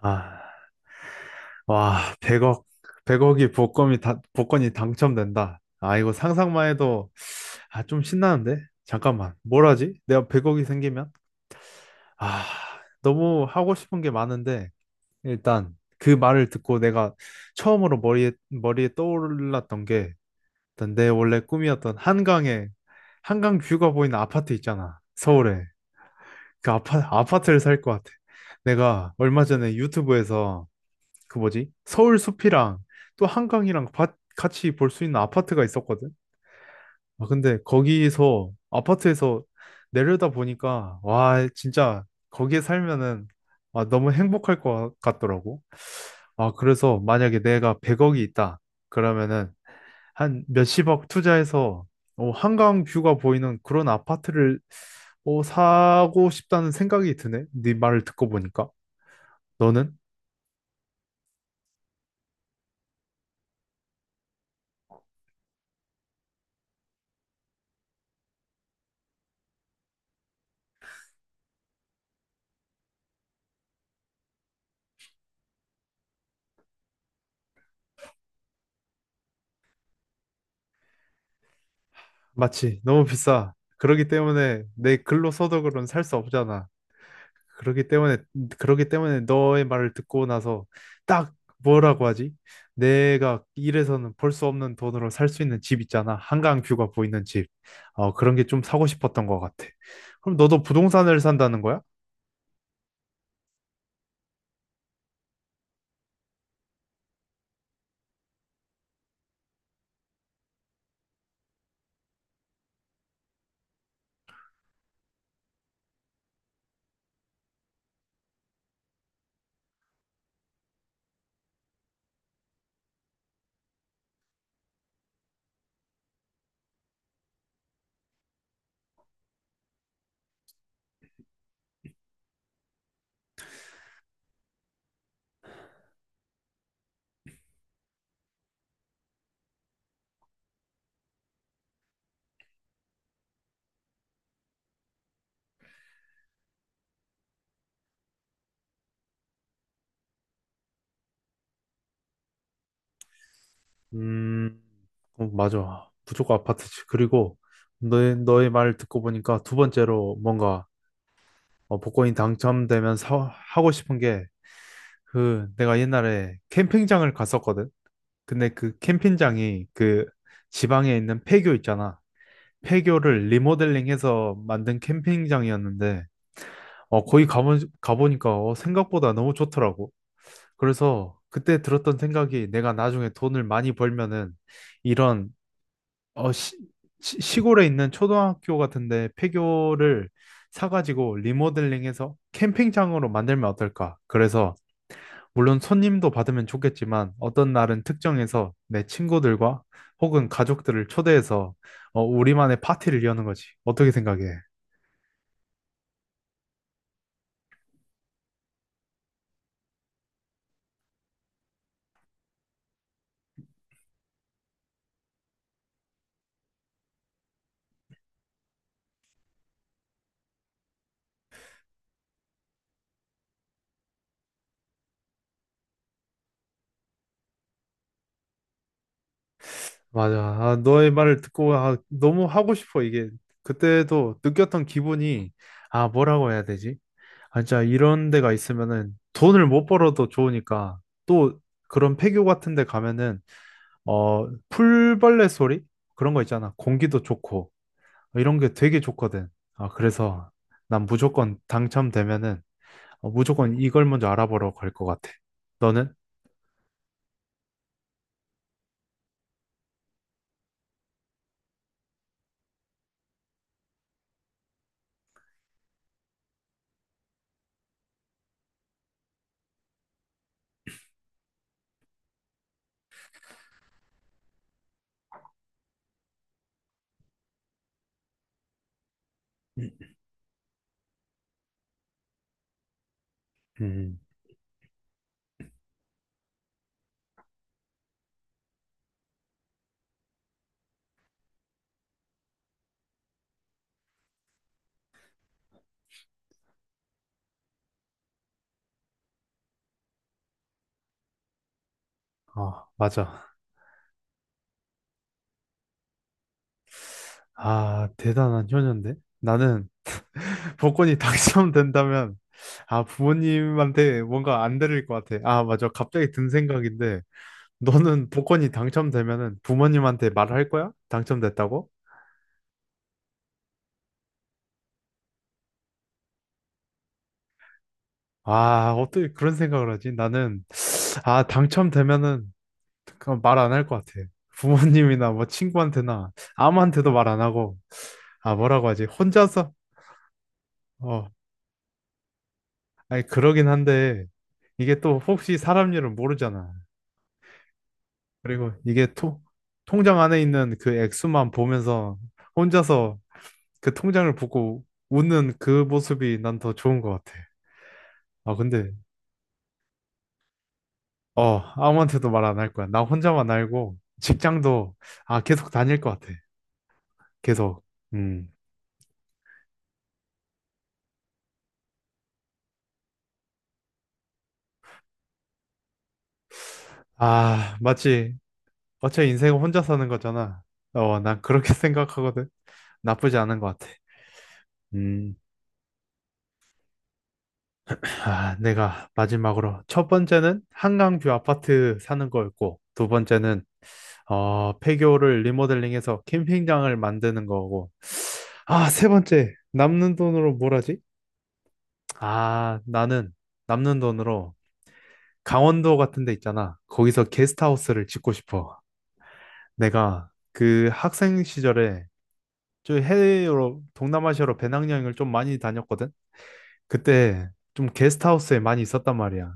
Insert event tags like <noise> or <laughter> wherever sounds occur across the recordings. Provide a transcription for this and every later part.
아, 와, 100억, 백억이 복권이 당첨된다. 아, 이거 상상만 해도, 아, 좀 신나는데? 잠깐만, 뭘 하지? 내가 100억이 생기면? 아, 너무 하고 싶은 게 많은데, 일단 그 말을 듣고 내가 처음으로 머리에 떠올랐던 게, 일단 내 원래 꿈이었던 한강 뷰가 보이는 아파트 있잖아, 서울에. 그 아파트를 살 것 같아. 내가 얼마 전에 유튜브에서 그 뭐지? 서울 숲이랑 또 한강이랑 밭 같이 볼 수 있는 아파트가 있었거든. 아, 근데 거기서 아파트에서 내려다 보니까 와, 진짜 거기에 살면은 아, 너무 행복할 것 같더라고. 아, 그래서 만약에 내가 100억이 있다. 그러면은 한 몇십억 투자해서 어, 한강 뷰가 보이는 그런 아파트를 어, 사고 싶다는 생각이 드네. 네 말을 듣고 보니까. 너는? 마치 너무 비싸. 그러기 때문에 내 근로소득으로는 살 수 없잖아. 그러기 때문에 그러기 때문에 너의 말을 듣고 나서 딱 뭐라고 하지? 내가 일해서는 벌 수 없는 돈으로 살 수 있는 집 있잖아. 한강 뷰가 보이는 집. 어, 그런 게 좀 사고 싶었던 것 같아. 그럼 너도 부동산을 산다는 거야? 음, 어, 맞아. 무조건 아파트지. 그리고 너의 말을 듣고 보니까 두 번째로 뭔가 어, 복권이 당첨되면 하고 싶은 게 그 내가 옛날에 캠핑장을 갔었거든. 근데 그 캠핑장이 그 지방에 있는 폐교 있잖아. 폐교를 리모델링해서 만든 캠핑장이었는데 어 거기 가보니까 어, 생각보다 너무 좋더라고. 그래서 그때 들었던 생각이 내가 나중에 돈을 많이 벌면은 이런 어 시, 시골에 있는 초등학교 같은데 폐교를 사가지고 리모델링해서 캠핑장으로 만들면 어떨까? 그래서 물론 손님도 받으면 좋겠지만 어떤 날은 특정해서 내 친구들과 혹은 가족들을 초대해서 어, 우리만의 파티를 여는 거지. 어떻게 생각해? 맞아. 아, 너의 말을 듣고 아, 너무 하고 싶어. 이게 그때도 느꼈던 기분이 아, 뭐라고 해야 되지? 아, 진짜 이런 데가 있으면은 돈을 못 벌어도 좋으니까 또 그런 폐교 같은 데 가면은 어, 풀벌레 소리? 그런 거 있잖아. 공기도 좋고. 어, 이런 게 되게 좋거든. 아, 그래서 난 무조건 당첨되면은 어, 무조건 이걸 먼저 알아보러 갈 것 같아. 너는? 음, 어, 맞아. 아, 대단한 효녀인데? 나는 복권이 <laughs> 당첨된다면 아, 부모님한테 뭔가 안 드릴 것 같아. 아, 맞아. 갑자기 든 생각인데 너는 복권이 당첨되면은 부모님한테 말할 거야? 당첨됐다고? 아, 어떻게 그런 생각을 하지? 나는 아, 당첨되면은 그럼 말 안 할 것 같아. 부모님이나 뭐 친구한테나 아무한테도 말 안 하고 아 뭐라고 하지? 혼자서 어 아니 그러긴 한데 이게 또 혹시 사람 일을 모르잖아. 그리고 이게 통 통장 안에 있는 그 액수만 보면서 혼자서 그 통장을 보고 웃는 그 모습이 난 더 좋은 것 같아. 아 근데 어 아무한테도 말 안 할 거야. 나 혼자만 알고 직장도 아 계속 다닐 것 같아. 계속 음. 아, 마치 어차피 인생은 혼자 사는 거잖아. 어, 난 그렇게 <laughs> 생각하거든. 나쁘지 않은 것 같아. 음, 아, 내가 마지막으로 첫 번째는 한강뷰 아파트 사는 거였고, 두 번째는 어, 폐교를 리모델링해서 캠핑장을 만드는 거고, 아, 세 번째 남는 돈으로 뭘 하지? 아, 나는 남는 돈으로 강원도 같은 데 있잖아. 거기서 게스트하우스를 짓고 싶어. 내가 그 학생 시절에 저 해외로 동남아시아로 배낭여행을 좀 많이 다녔거든. 그때 좀 게스트하우스에 많이 있었단 말이야.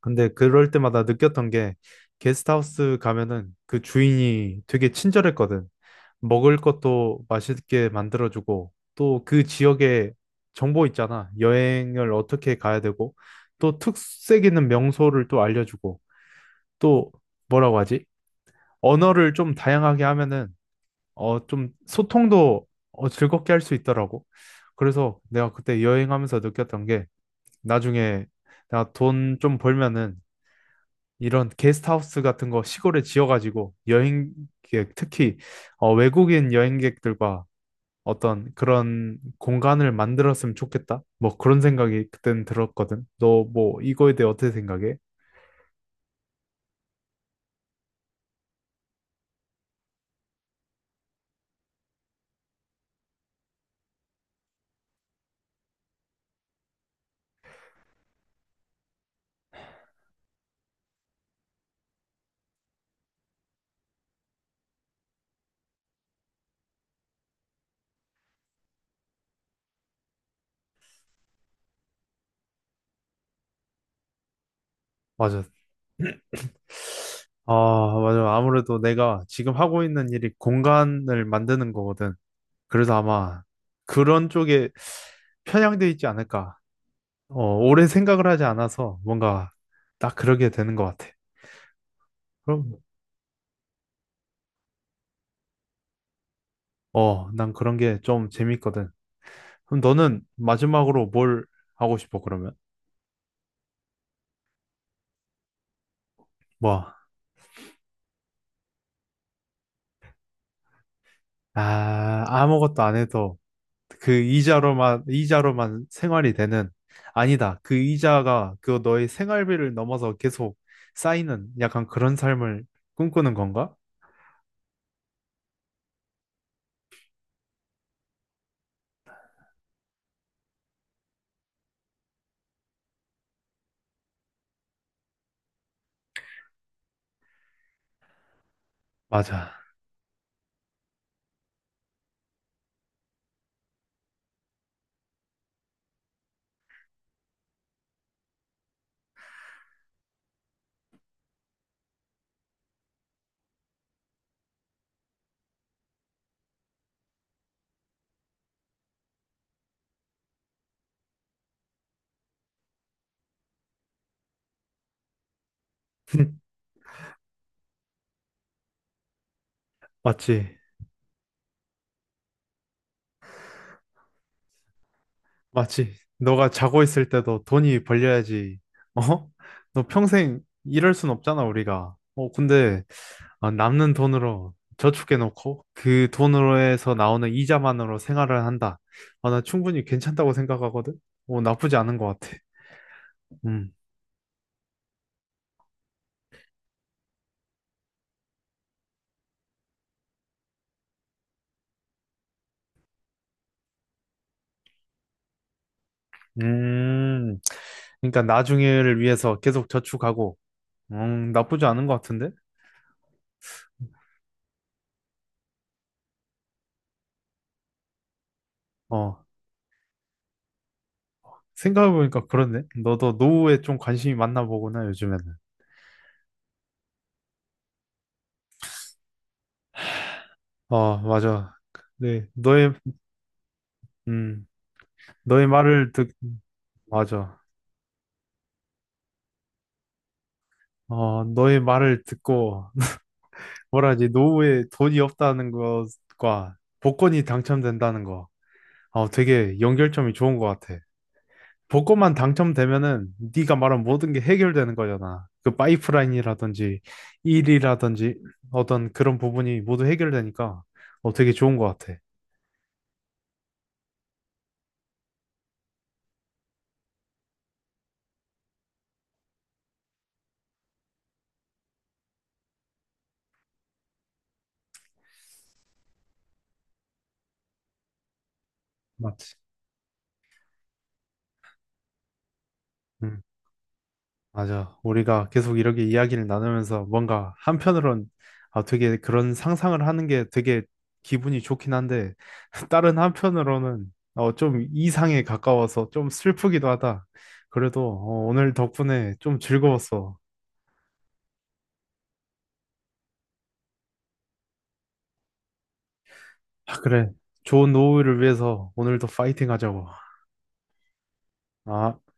근데 그럴 때마다 느꼈던 게 게스트하우스 가면은 그 주인이 되게 친절했거든. 먹을 것도 맛있게 만들어주고 또 그 지역의 정보 있잖아. 여행을 어떻게 가야 되고 또 특색 있는 명소를 또 알려주고 또 뭐라고 하지? 언어를 좀 다양하게 하면은 어, 좀 소통도 어, 즐겁게 할 수 있더라고. 그래서 내가 그때 여행하면서 느꼈던 게 나중에 내가 돈 좀 벌면은 이런 게스트하우스 같은 거 시골에 지어가지고 여행객, 특히 어, 외국인 여행객들과 어떤 그런 공간을 만들었으면 좋겠다. 뭐 그런 생각이 그땐 들었거든. 너 뭐 이거에 대해 어떻게 생각해? 맞아. 아, 맞아. 아무래도 내가 지금 하고 있는 일이 공간을 만드는 거거든. 그래서 아마 그런 쪽에 편향돼 있지 않을까. 어, 오래 생각을 하지 않아서 뭔가 딱 그러게 되는 것 같아. 그럼, 어, 난 그런 게 좀 재밌거든. 그럼 너는 마지막으로 뭘 하고 싶어, 그러면? 뭐, 아, 아무것도 안 해도 그 이자로만, 이자로만 생활이 되는, 아니다. 그 이자가 그 너의 생활비를 넘어서 계속 쌓이는 약간 그런 삶을 꿈꾸는 건가? 맞아. 맞지. 맞지. 너가 자고 있을 때도 돈이 벌려야지. 어? 너 평생 이럴 순 없잖아, 우리가. 어, 근데 아, 남는 돈으로 저축해놓고 그 돈으로 해서 나오는 이자만으로 생활을 한다. 아, 나 충분히 괜찮다고 생각하거든. 어, 나쁘지 않은 것 같아. 음. 음. 그러니까 나중에를 위해서 계속 저축하고, 나쁘지 않은 것 같은데? 어, 생각해보니까 그렇네. 너도 노후에 좀 관심이 많나 보구나, 요즘에는. 어, 맞아. 네, 음, 너의 말을 듣, 맞아. 어, 너의 말을 듣고, <laughs> 뭐라 하지, 노후에 돈이 없다는 것과 복권이 당첨된다는 거. 어, 되게 연결점이 좋은 것 같아. 복권만 당첨되면은 네가 말한 모든 게 해결되는 거잖아. 그 파이프라인이라든지 일이라든지 어떤 그런 부분이 모두 해결되니까 어, 되게 좋은 것 같아. 맞지. 음. 맞아. 우리가 계속 이렇게 이야기를 나누면서 뭔가 한편으론 아, 되게 그런 상상을 하는 게 되게 기분이 좋긴 한데 <laughs> 다른 한편으로는 어, 좀 이상에 가까워서 좀 슬프기도 하다. 그래도 어, 오늘 덕분에 좀 즐거웠어. 아, 그래. 좋은 노후를 위해서 오늘도 파이팅 하자고. 아.